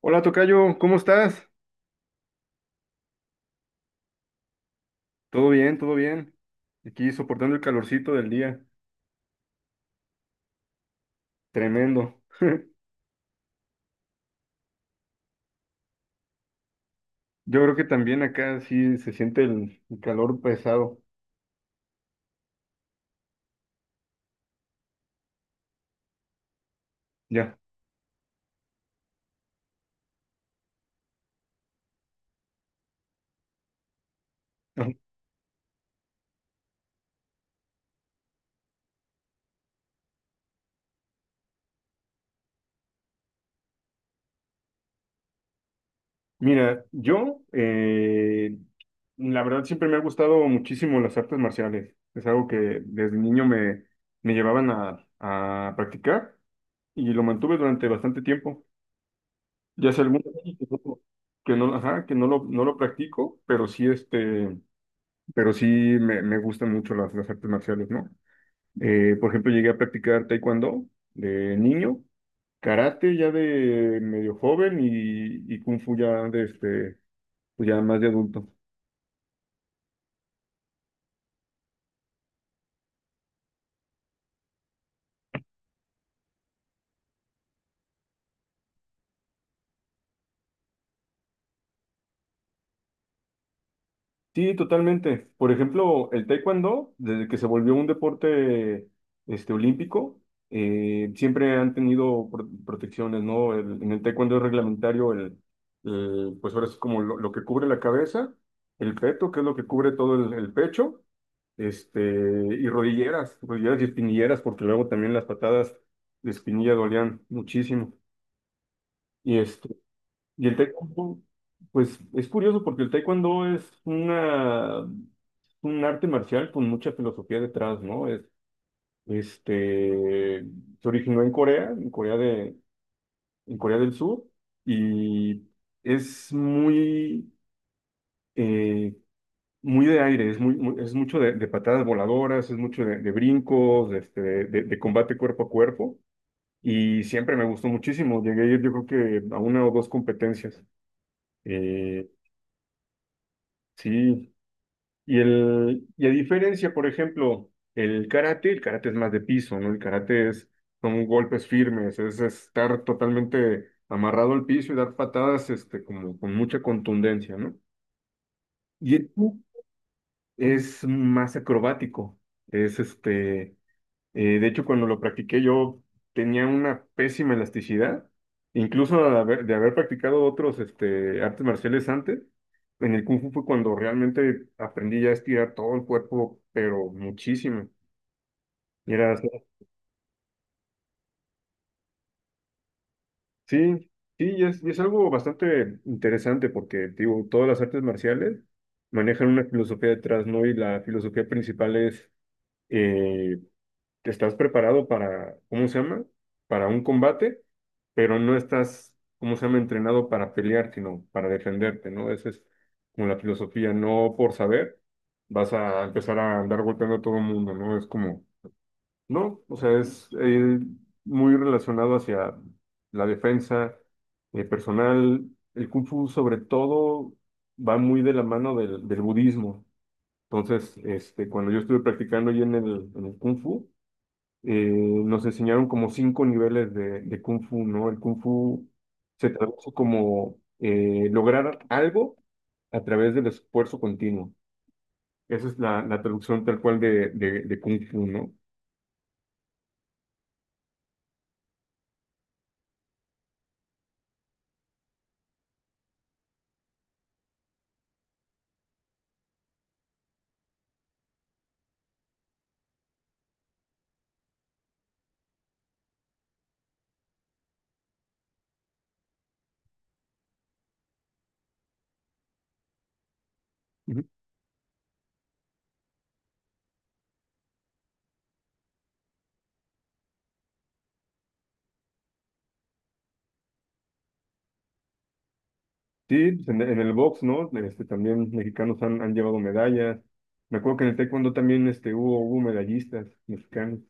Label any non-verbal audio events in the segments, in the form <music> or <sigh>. Hola, tocayo, ¿cómo estás? Todo bien, todo bien. Aquí soportando el calorcito del día. Tremendo. Yo creo que también acá sí se siente el calor pesado. Ya. <laughs> Ajá. Mira, yo, la verdad, siempre me ha gustado muchísimo las artes marciales. Es algo que desde niño me llevaban a practicar y lo mantuve durante bastante tiempo. Ya hace algunos años que no lo practico, pero sí me gustan mucho las artes marciales, ¿no? Por ejemplo, llegué a practicar taekwondo de niño, karate ya de medio joven y kung fu ya pues ya más de adulto. Sí, totalmente. Por ejemplo, el taekwondo, desde que se volvió un deporte olímpico, siempre han tenido protecciones, ¿no? En el taekwondo es reglamentario pues ahora es como lo que cubre la cabeza, el peto, que es lo que cubre todo el pecho, y rodilleras, rodilleras y espinilleras, porque luego también las patadas de espinilla dolían muchísimo. Y este, y el taekwondo, pues es curioso porque el taekwondo es un arte marcial con mucha filosofía detrás, ¿no? Este, se originó en Corea, en Corea del Sur, y es muy, eh, muy de aire, es mucho de patadas voladoras, es mucho de brincos, de combate cuerpo a cuerpo, y siempre me gustó muchísimo. Llegué a ir, yo creo que a una o dos competencias. Eh, sí. Y y a diferencia, por ejemplo, el karate es más de piso, ¿no? El karate es son golpes firmes, es estar totalmente amarrado al piso y dar patadas, como con mucha contundencia, ¿no? Y el kung es más acrobático, es este, de hecho, cuando lo practiqué yo tenía una pésima elasticidad, incluso de haber practicado otros artes marciales antes, en el Kung Fu fue cuando realmente aprendí ya a estirar todo el cuerpo, pero muchísimo. Y era, sí, sí, y es algo bastante interesante porque, digo, todas las artes marciales manejan una filosofía detrás, ¿no? Y la filosofía principal es eh, estás preparado para, ¿cómo se llama? Para un combate, pero no estás, ¿cómo se llama? Entrenado para pelear, sino para defenderte, ¿no? Esa es como la filosofía, no por saber vas a empezar a andar golpeando a todo el mundo, ¿no? Es como, no, o sea, es muy relacionado hacia la defensa personal. El Kung Fu sobre todo va muy de la mano del budismo. Entonces, cuando yo estuve practicando allí en el Kung Fu, nos enseñaron como cinco niveles de Kung Fu, ¿no? El Kung Fu se traduce como lograr algo a través del esfuerzo continuo. Esa es la traducción tal cual de Kung Fu, ¿no? Ujú. Sí, pues, en el box, ¿no? También mexicanos han llevado medallas. Me acuerdo que en el taekwondo también hubo medallistas mexicanos.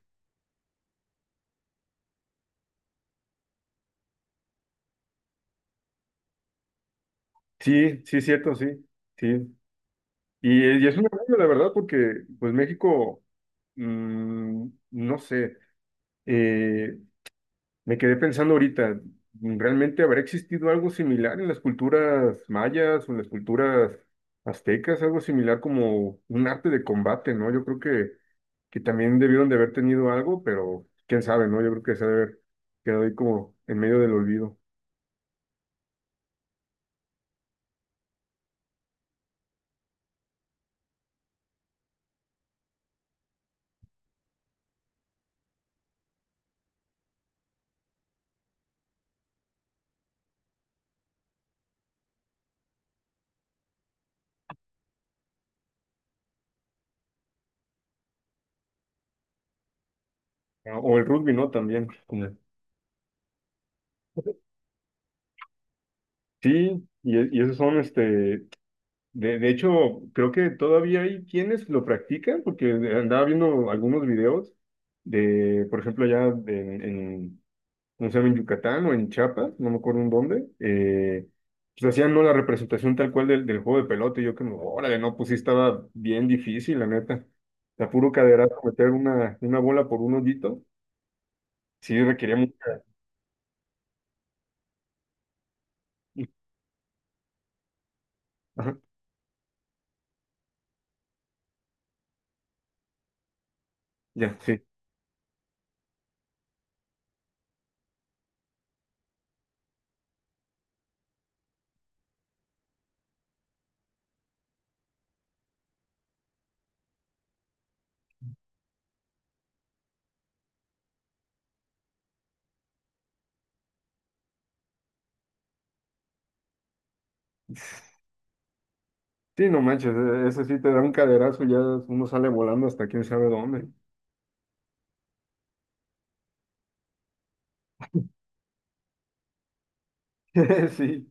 Sí, sí, cierto, sí, sí. Y es un orgullo, la verdad, porque pues México, mm, no sé. Eh, me quedé pensando ahorita, ¿realmente habrá existido algo similar en las culturas mayas o en las culturas aztecas? Algo similar como un arte de combate, ¿no? Yo creo que también debieron de haber tenido algo, pero quién sabe, ¿no? Yo creo que se ha de haber quedado ahí como en medio del olvido. Ah, o el rugby, ¿no? También. <laughs> Sí, y esos son de hecho, creo que todavía hay quienes lo practican, porque andaba viendo algunos videos de, por ejemplo, no sé, en Yucatán o en Chiapas, no me acuerdo en dónde, pues hacían no la representación tal cual del juego de pelota, y yo que, órale, no, pues sí estaba bien difícil, la neta. La puro caderazo, meter una bola por un hoyito, sí requería mucha... Ajá, ya, sí. Sí, no manches, eso sí te da un caderazo, ya uno sale volando hasta quién sabe dónde. <laughs> Sí.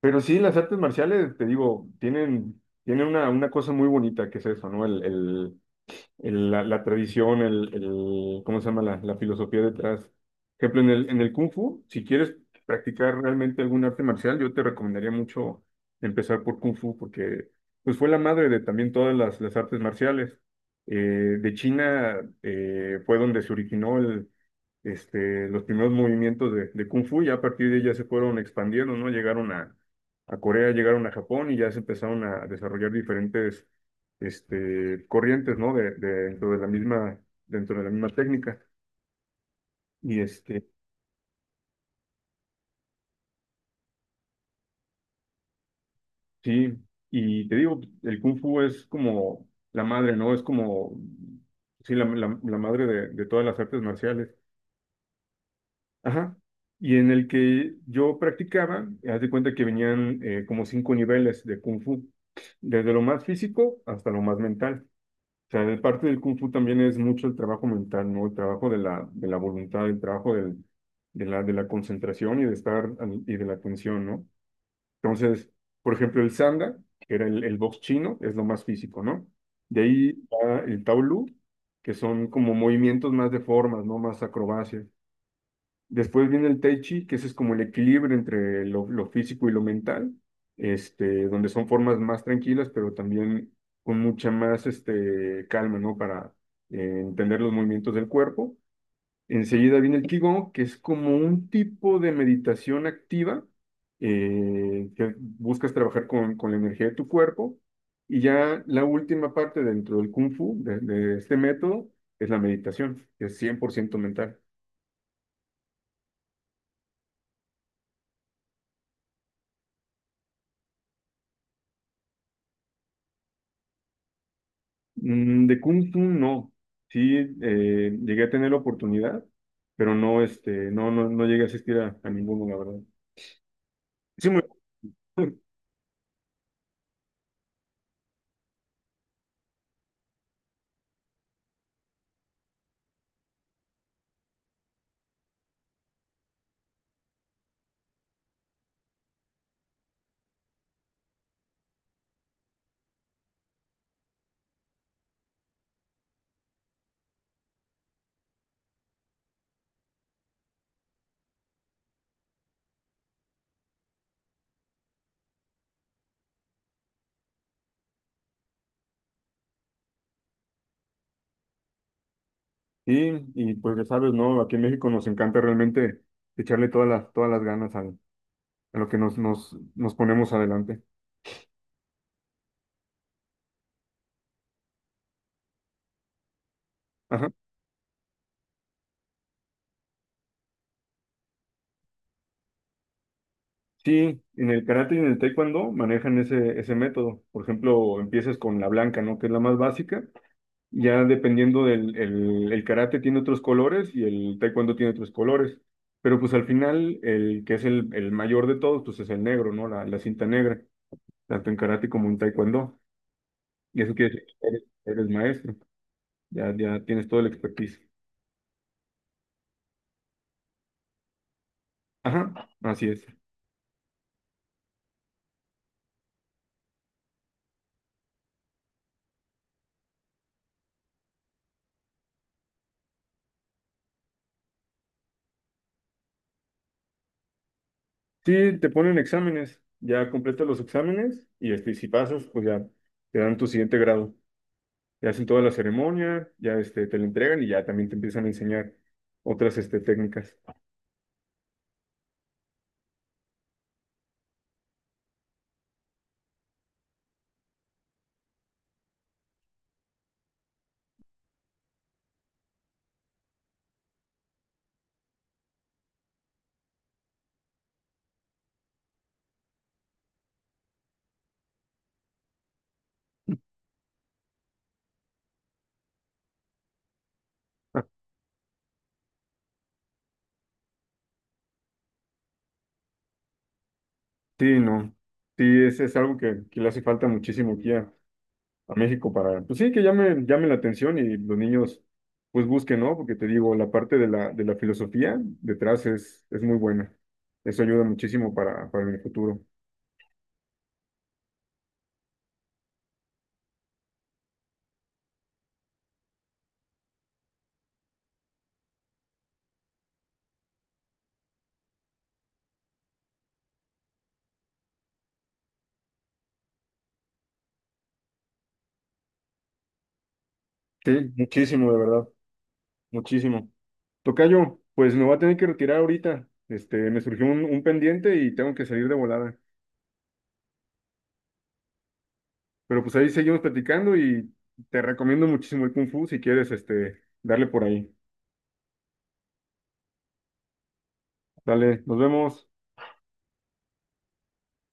Pero sí, las artes marciales, te digo, tienen una cosa muy bonita que es eso, ¿no? La tradición, ¿cómo se llama? La filosofía detrás. Por ejemplo, en el Kung Fu, si quieres practicar realmente algún arte marcial, yo te recomendaría mucho empezar por Kung Fu, porque pues fue la madre de también todas las artes marciales. Eh, de China fue donde se originó los primeros movimientos de Kung Fu, ya a partir de ahí ya se fueron expandiendo, ¿no? Llegaron a Corea, llegaron a Japón y ya se empezaron a desarrollar diferentes corrientes, ¿no? Dentro de la misma, dentro de la misma técnica. Y este, sí, y te digo, el Kung Fu es como la madre, ¿no? Es como, sí, la madre de todas las artes marciales. Ajá. Y en el que yo practicaba, haz de cuenta que venían como cinco niveles de kung fu, desde lo más físico hasta lo más mental. O sea, de parte del kung fu también es mucho el trabajo mental, ¿no? El trabajo de de la voluntad, el trabajo de de la concentración y de la atención, ¿no? Entonces, por ejemplo, el sanda, que era el box chino, es lo más físico, ¿no? De ahí va el taolu, que son como movimientos más de formas, ¿no? Más acrobacias. Después viene el Tai Chi, que ese es como el equilibrio entre lo físico y lo mental, donde son formas más tranquilas, pero también con mucha más calma, ¿no? Para entender los movimientos del cuerpo. Enseguida viene el Qigong, que es como un tipo de meditación activa, que buscas trabajar con la energía de tu cuerpo. Y ya la última parte dentro del Kung Fu, de este método, es la meditación, que es 100% mental. Mm, de Kung Fu no. Sí, llegué a tener la oportunidad, pero no, no llegué a asistir a ninguno, la verdad. Sí, <laughs> sí, y pues ya sabes, ¿no? Aquí en México nos encanta realmente echarle todas las ganas a lo que nos ponemos adelante. Ajá. Sí, en el karate y en el taekwondo manejan ese método. Por ejemplo, empiezas con la blanca, ¿no? Que es la más básica. Ya dependiendo del el karate tiene otros colores y el taekwondo tiene otros colores. Pero pues al final el que es el mayor de todos, pues es el negro, ¿no? La cinta negra, tanto en karate como en taekwondo. Y eso quiere decir que eres, eres maestro, ya tienes todo el expertise. Ajá, así es. Sí, te ponen exámenes, ya completas los exámenes y si pasas, pues ya te dan tu siguiente grado. Te hacen toda la ceremonia, ya te lo entregan y ya también te empiezan a enseñar otras técnicas. Sí, no. Sí, es algo que le hace falta muchísimo aquí a México para, pues sí, que llame la atención y los niños pues busquen, ¿no? Porque te digo, la parte de la filosofía detrás es muy buena. Eso ayuda muchísimo para el futuro. Sí, muchísimo, de verdad, muchísimo. Tocayo, pues me voy a tener que retirar ahorita. Este, me surgió un pendiente y tengo que salir de volada. Pero pues ahí seguimos platicando y te recomiendo muchísimo el Kung Fu si quieres, este, darle por ahí. Dale, nos vemos.